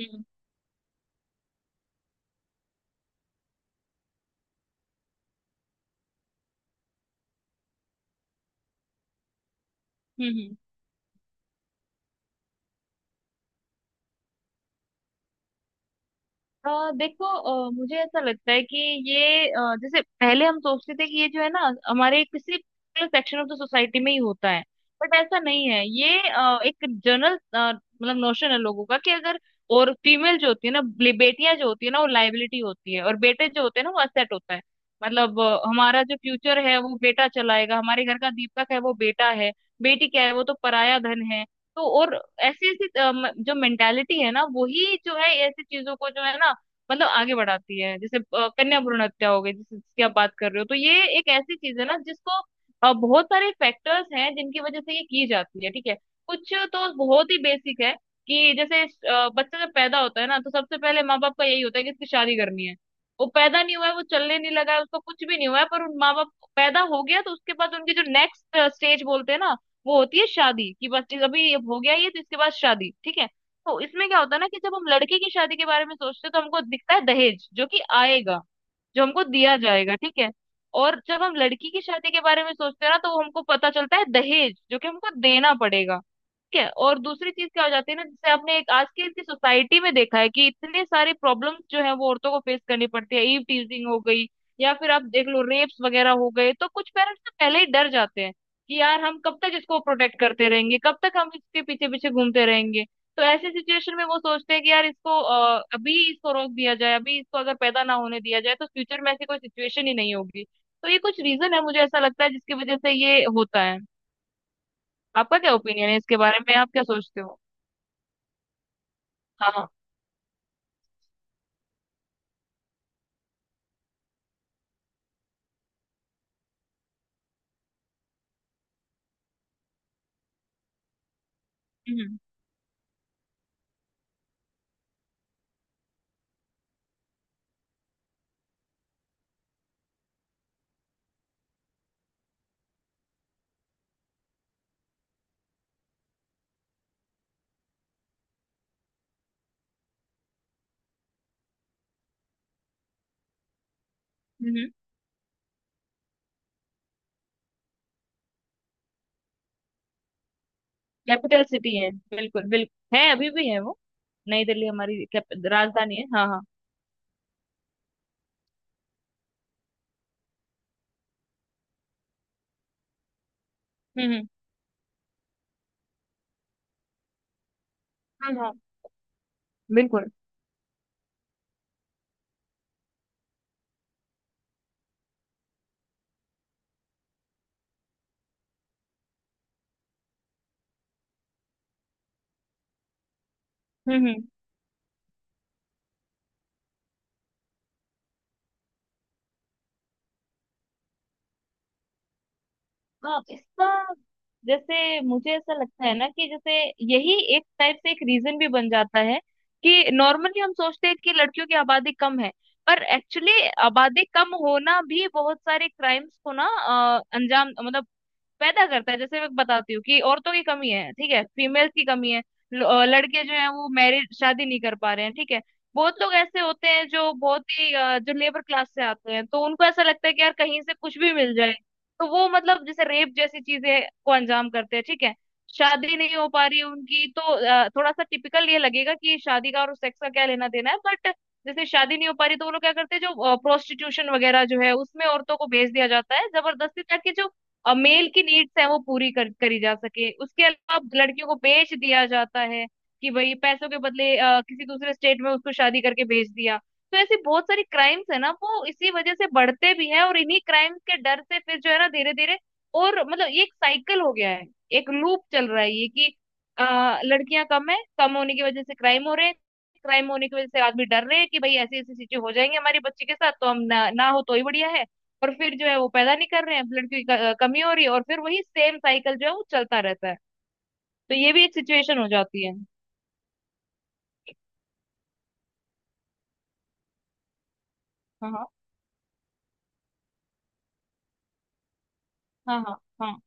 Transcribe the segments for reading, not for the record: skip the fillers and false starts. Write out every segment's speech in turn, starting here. हम्म, हम्म। अ देखो, मुझे ऐसा लगता है कि ये जैसे पहले हम सोचते थे कि ये जो है ना हमारे किसी सेक्शन ऑफ द सोसाइटी में ही होता है। बट ऐसा नहीं है। ये एक जनरल मतलब नोशन है लोगों का कि अगर और फीमेल जो होती है ना बेटियां जो होती है ना वो लाइबिलिटी होती है, और बेटे जो होते हैं ना वो असेट होता है। मतलब, हमारा जो फ्यूचर है वो बेटा चलाएगा, हमारे घर का दीपक है वो बेटा है। बेटी क्या है? वो तो पराया धन है। तो और ऐसी ऐसी, जो मेंटालिटी है ना वही जो है ऐसी चीजों को जो है ना मतलब आगे बढ़ाती है। जैसे, कन्या भ्रूण हत्या हो गई जिसकी आप बात कर रहे हो, तो ये एक ऐसी चीज है ना जिसको, बहुत सारे फैक्टर्स हैं जिनकी वजह से ये की जाती है, ठीक है। कुछ तो बहुत ही बेसिक है। कि जैसे, बच्चा जब पैदा होता है ना तो सबसे पहले माँ बाप का यही होता है कि इसकी शादी करनी है। वो पैदा नहीं हुआ है, वो चलने नहीं लगा है, उसको कुछ भी नहीं हुआ है, पर उन माँ बाप पैदा हो गया तो उसके बाद उनकी जो नेक्स्ट स्टेज बोलते हैं ना वो होती है शादी। कि बस अभी ये हो गया, ये तो इसके बाद शादी, ठीक है। तो इसमें क्या होता है ना कि जब हम लड़के की शादी के बारे में सोचते हैं तो हमको दिखता है दहेज जो कि आएगा, जो हमको दिया जाएगा, ठीक है। और जब हम लड़की की शादी के बारे में सोचते हैं ना तो वो हमको पता चलता है दहेज जो कि हमको देना पड़ेगा, ठीक है। और दूसरी चीज क्या हो जाती है ना, जैसे आपने एक आज की इतनी सोसाइटी में देखा है कि इतने सारे प्रॉब्लम्स जो है वो औरतों को फेस करनी पड़ती है, ईव टीजिंग हो गई, या फिर आप देख लो रेप्स वगैरह हो गए। तो कुछ पेरेंट्स तो पहले ही डर जाते हैं कि यार हम कब तक इसको प्रोटेक्ट करते रहेंगे, कब तक हम इसके पीछे पीछे घूमते रहेंगे। तो ऐसी सिचुएशन में वो सोचते हैं कि यार इसको अभी इसको रोक दिया जाए, अभी इसको अगर पैदा ना होने दिया जाए तो फ्यूचर में ऐसी कोई सिचुएशन ही नहीं होगी। तो ये कुछ रीजन है मुझे ऐसा लगता है जिसकी वजह से ये होता है। आपका क्या ओपिनियन है इसके बारे में? आप क्या सोचते हो? हाँ हाँ। हम्म हम्म। कैपिटल सिटी है, बिल्कुल बिल्कुल है, अभी भी है वो। नई दिल्ली हमारी राजधानी है, हाँ हाँ। हम्म। हाँ हाँ, बिल्कुल। हम्म। हाँ, इसका जैसे मुझे ऐसा लगता है ना कि जैसे यही एक टाइप से एक रीजन भी बन जाता है। कि नॉर्मली हम सोचते हैं कि लड़कियों की आबादी कम है, पर एक्चुअली आबादी कम होना भी बहुत सारे क्राइम्स को ना अंजाम मतलब पैदा करता है। जैसे मैं बताती हूँ कि औरतों की कमी है, ठीक है, फीमेल्स की कमी है। लड़के जो हैं वो मैरिज शादी नहीं कर पा रहे हैं, ठीक है। बहुत लोग ऐसे होते हैं जो बहुत ही जो लेबर क्लास से आते हैं, तो उनको ऐसा लगता है कि यार कहीं से कुछ भी मिल जाए। तो वो मतलब जैसे रेप जैसी चीजें को अंजाम करते हैं, ठीक है। शादी नहीं हो पा रही है उनकी, तो थोड़ा सा टिपिकल ये लगेगा कि शादी का और सेक्स का क्या लेना देना है, बट जैसे शादी नहीं हो पा रही तो वो लोग क्या करते हैं, जो प्रोस्टिट्यूशन वगैरह जो है उसमें औरतों को भेज दिया जाता है जबरदस्ती, ताकि जो और मेल की नीड्स है वो पूरी करी जा सके। उसके अलावा अब लड़कियों को बेच दिया जाता है, कि भाई पैसों के बदले किसी दूसरे स्टेट में उसको शादी करके भेज दिया। तो ऐसी बहुत सारी क्राइम्स है ना वो इसी वजह से बढ़ते भी हैं, और इन्हीं क्राइम्स के डर से फिर जो है ना धीरे धीरे और मतलब ये एक साइकिल हो गया है, एक लूप चल रहा है ये कि लड़कियां कम है, कम होने की वजह से क्राइम हो रहे हैं, क्राइम होने की वजह से आदमी डर रहे हैं कि भाई ऐसी ऐसी चीजें हो जाएंगी हमारी बच्ची के साथ, तो हम ना हो तो ही बढ़िया है। और फिर जो है वो पैदा नहीं कर रहे हैं, ब्लड की कमी हो रही है, और फिर वही सेम साइकिल जो है वो चलता रहता है। तो ये भी एक सिचुएशन हो जाती है। हाँ हाँ हाँ हाँ हाँ।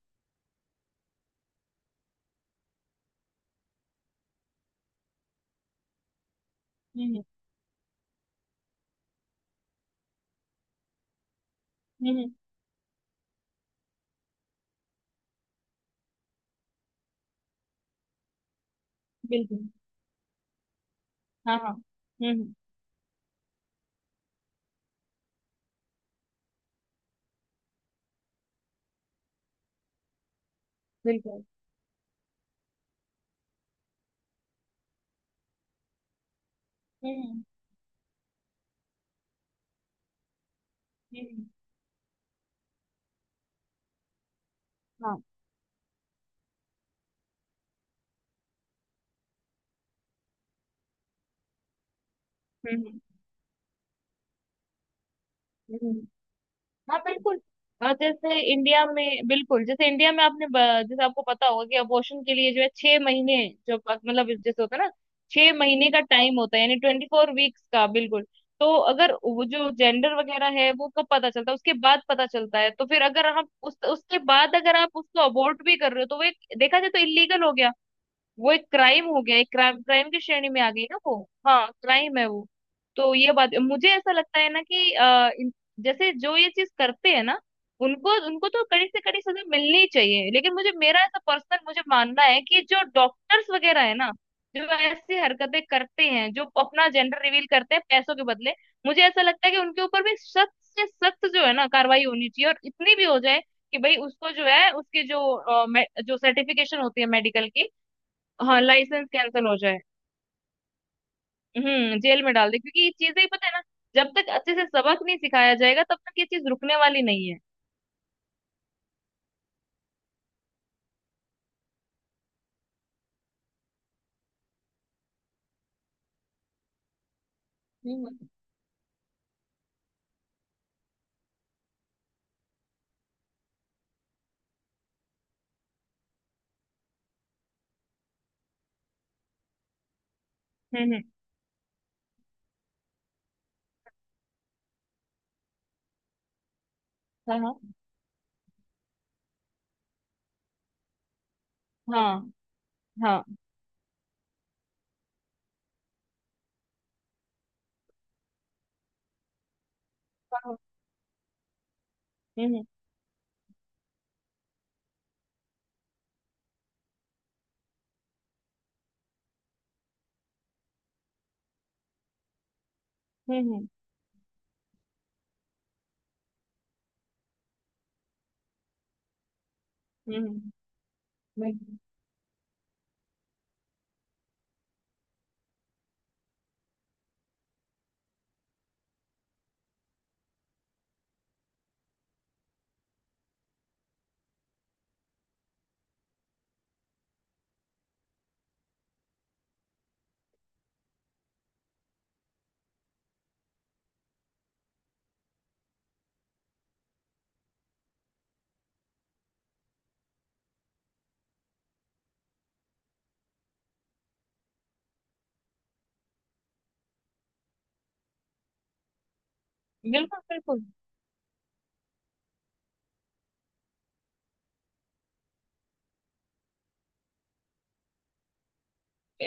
हम्म हम्म हम्म, बिल्कुल। हाँ हाँ। बिल्कुल। हम्म हम्म हम्म, हाँ। हम्म हम्म। हम्म। हाँ, बिल्कुल। और जैसे इंडिया में, बिल्कुल, जैसे इंडिया में आपने जैसे आपको पता होगा कि अबॉर्शन के लिए जो है 6 महीने, जो मतलब जैसे होता है ना 6 महीने का टाइम होता है, यानी 24 वीक्स का, बिल्कुल। तो अगर वो जो जेंडर वगैरह है वो कब पता चलता है, उसके बाद पता चलता है, तो फिर अगर हम उस उसके बाद अगर आप उसको अबॉर्ट भी कर रहे हो, तो वो एक देखा जाए तो इलीगल हो गया। वो एक क्राइम हो गया, एक क्राइम क्राइम की श्रेणी में आ गई ना वो। हाँ, क्राइम है वो। तो ये बात मुझे ऐसा लगता है ना कि जैसे जो ये चीज करते हैं ना, उनको उनको तो कड़ी से कड़ी सजा मिलनी ही चाहिए, लेकिन मुझे मेरा ऐसा पर्सनल मुझे मानना है कि जो डॉक्टर्स वगैरह है ना जो ऐसी हरकतें करते हैं, जो अपना जेंडर रिवील करते हैं पैसों के बदले, मुझे ऐसा लगता है कि उनके ऊपर भी सख्त से सख्त जो है ना कार्रवाई होनी चाहिए, और इतनी भी हो जाए कि भाई उसको जो है उसके जो जो सर्टिफिकेशन होती है मेडिकल की, हाँ, लाइसेंस कैंसिल हो जाए। हम्म, जेल में डाल दे, क्योंकि ये चीजें ही पता है ना जब तक अच्छे से सबक नहीं सिखाया जाएगा तब तक ये चीज रुकने वाली नहीं है। हम्म हम्म। हाँ हाँ हाँ हाँ हाँ, हम्म हम्म हम्म हम्म, बिल्कुल बिल्कुल।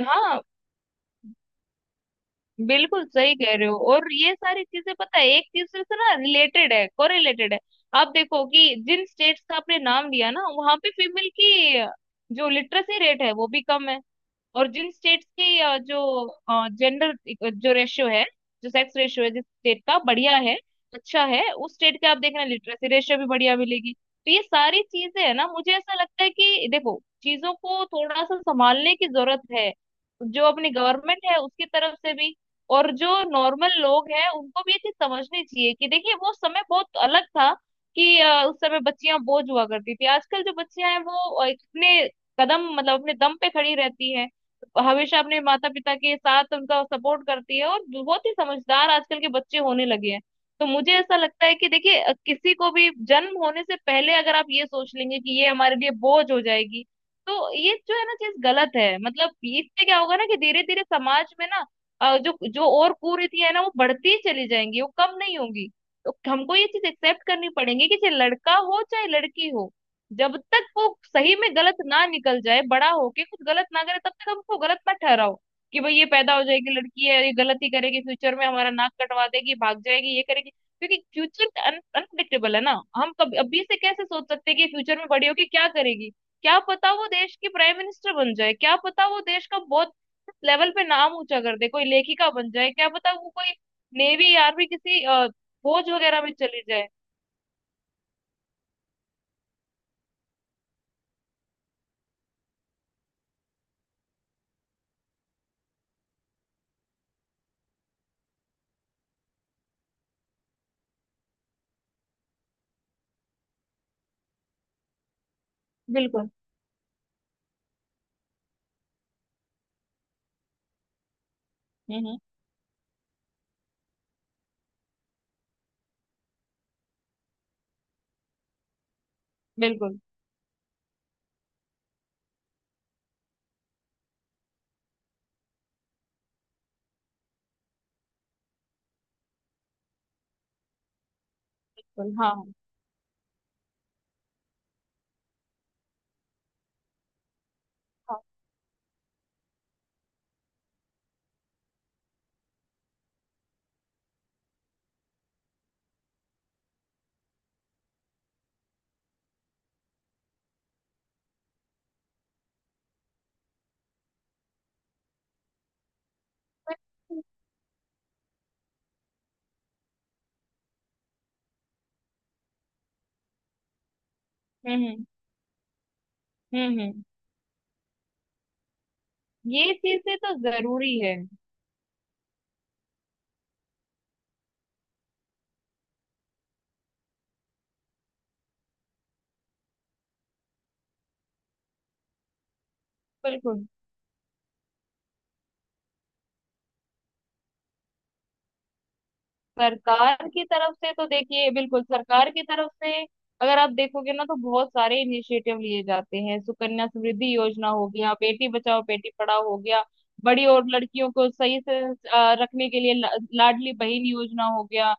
हाँ, बिल्कुल सही कह रहे हो। और ये सारी चीजें पता है एक दूसरे से ना रिलेटेड है, कोरिलेटेड है। आप देखो कि जिन स्टेट्स का आपने नाम लिया ना वहां पे फीमेल की जो लिटरेसी रेट है वो भी कम है, और जिन स्टेट्स की जो जेंडर जो रेशियो है, जो सेक्स रेशियो है, जिस स्टेट का बढ़िया है, अच्छा है, उस स्टेट के आप देखना लिटरेसी रेशियो भी बढ़िया मिलेगी। तो ये सारी चीजें है ना, मुझे ऐसा लगता है कि देखो चीजों को थोड़ा सा संभालने की जरूरत है, जो अपनी गवर्नमेंट है उसकी तरफ से भी। और जो नॉर्मल लोग हैं उनको भी ये चीज समझनी चाहिए कि देखिए वो समय बहुत अलग था, कि उस समय बच्चियां बोझ हुआ करती थी। आजकल जो बच्चियां हैं वो अपने कदम मतलब अपने दम पे खड़ी रहती हैं, हमेशा अपने माता पिता के साथ उनका सपोर्ट करती है, और बहुत ही समझदार आजकल के बच्चे होने लगे हैं। तो मुझे ऐसा लगता है कि देखिए किसी को भी जन्म होने से पहले अगर आप ये सोच लेंगे कि ये हमारे लिए बोझ हो जाएगी, तो ये जो है ना चीज गलत है। मतलब इससे क्या होगा ना कि धीरे धीरे समाज में ना जो जो और कुरीतियां है ना वो बढ़ती ही चली जाएंगी, वो कम नहीं होंगी। तो हमको ये चीज एक्सेप्ट करनी पड़ेगी कि चाहे लड़का हो चाहे लड़की हो, जब तक वो सही में गलत ना निकल जाए, बड़ा होके कुछ गलत ना करे, तब तक हम उसको गलत मत ठहराओ कि भाई ये पैदा हो जाएगी, लड़की है ये गलत ही करेगी, फ्यूचर में हमारा नाक कटवा देगी, भाग जाएगी, ये करेगी। क्योंकि फ्यूचर अनप्रिडिक्टेबल है ना, हम कभी अभी से कैसे सोच सकते हैं कि फ्यूचर में बड़ी होके क्या करेगी। क्या पता वो देश की प्राइम मिनिस्टर बन जाए, क्या पता वो देश का बहुत लेवल पे नाम ऊंचा कर दे, कोई लेखिका बन जाए, क्या पता वो कोई नेवी आर्मी किसी फौज वगैरह में चली जाए। बिल्कुल। हम्म हम्म, बिल्कुल बिल्कुल। हाँ हाँ हाँ। हम्म हम्म हम्म हम्म, हम्म। ये चीजें तो जरूरी है। बिल्कुल सरकार की तरफ से तो देखिए, बिल्कुल सरकार की तरफ से, अगर आप देखोगे ना तो बहुत सारे इनिशिएटिव लिए जाते हैं, सुकन्या समृद्धि योजना हो गया, बेटी बचाओ बेटी पढ़ाओ हो गया, बड़ी और लड़कियों को सही से रखने के लिए लाडली बहन योजना हो गया।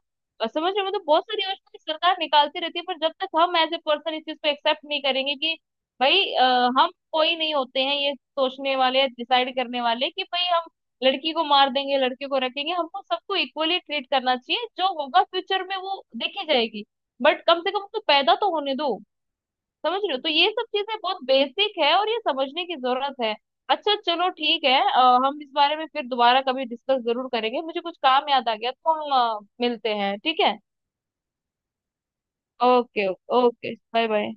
समझ रहे हो? मतलब बहुत सारी योजना सरकार निकालती रहती है, पर जब तक हम एज ए पर्सन इस चीज को एक्सेप्ट नहीं करेंगे कि भाई हम कोई नहीं होते हैं ये सोचने वाले डिसाइड करने वाले कि भाई हम लड़की को मार देंगे लड़के को रखेंगे। हमको सबको इक्वली ट्रीट करना चाहिए, जो होगा फ्यूचर में वो देखी जाएगी, बट कम से कम उसको पैदा तो होने दो। समझ रहे हो? तो ये सब चीजें बहुत बेसिक है और ये समझने की जरूरत है। अच्छा चलो ठीक है, हम इस बारे में फिर दोबारा कभी डिस्कस जरूर करेंगे, मुझे कुछ काम याद आ गया तो हम मिलते हैं, ठीक है? ओके। Okay, bye bye.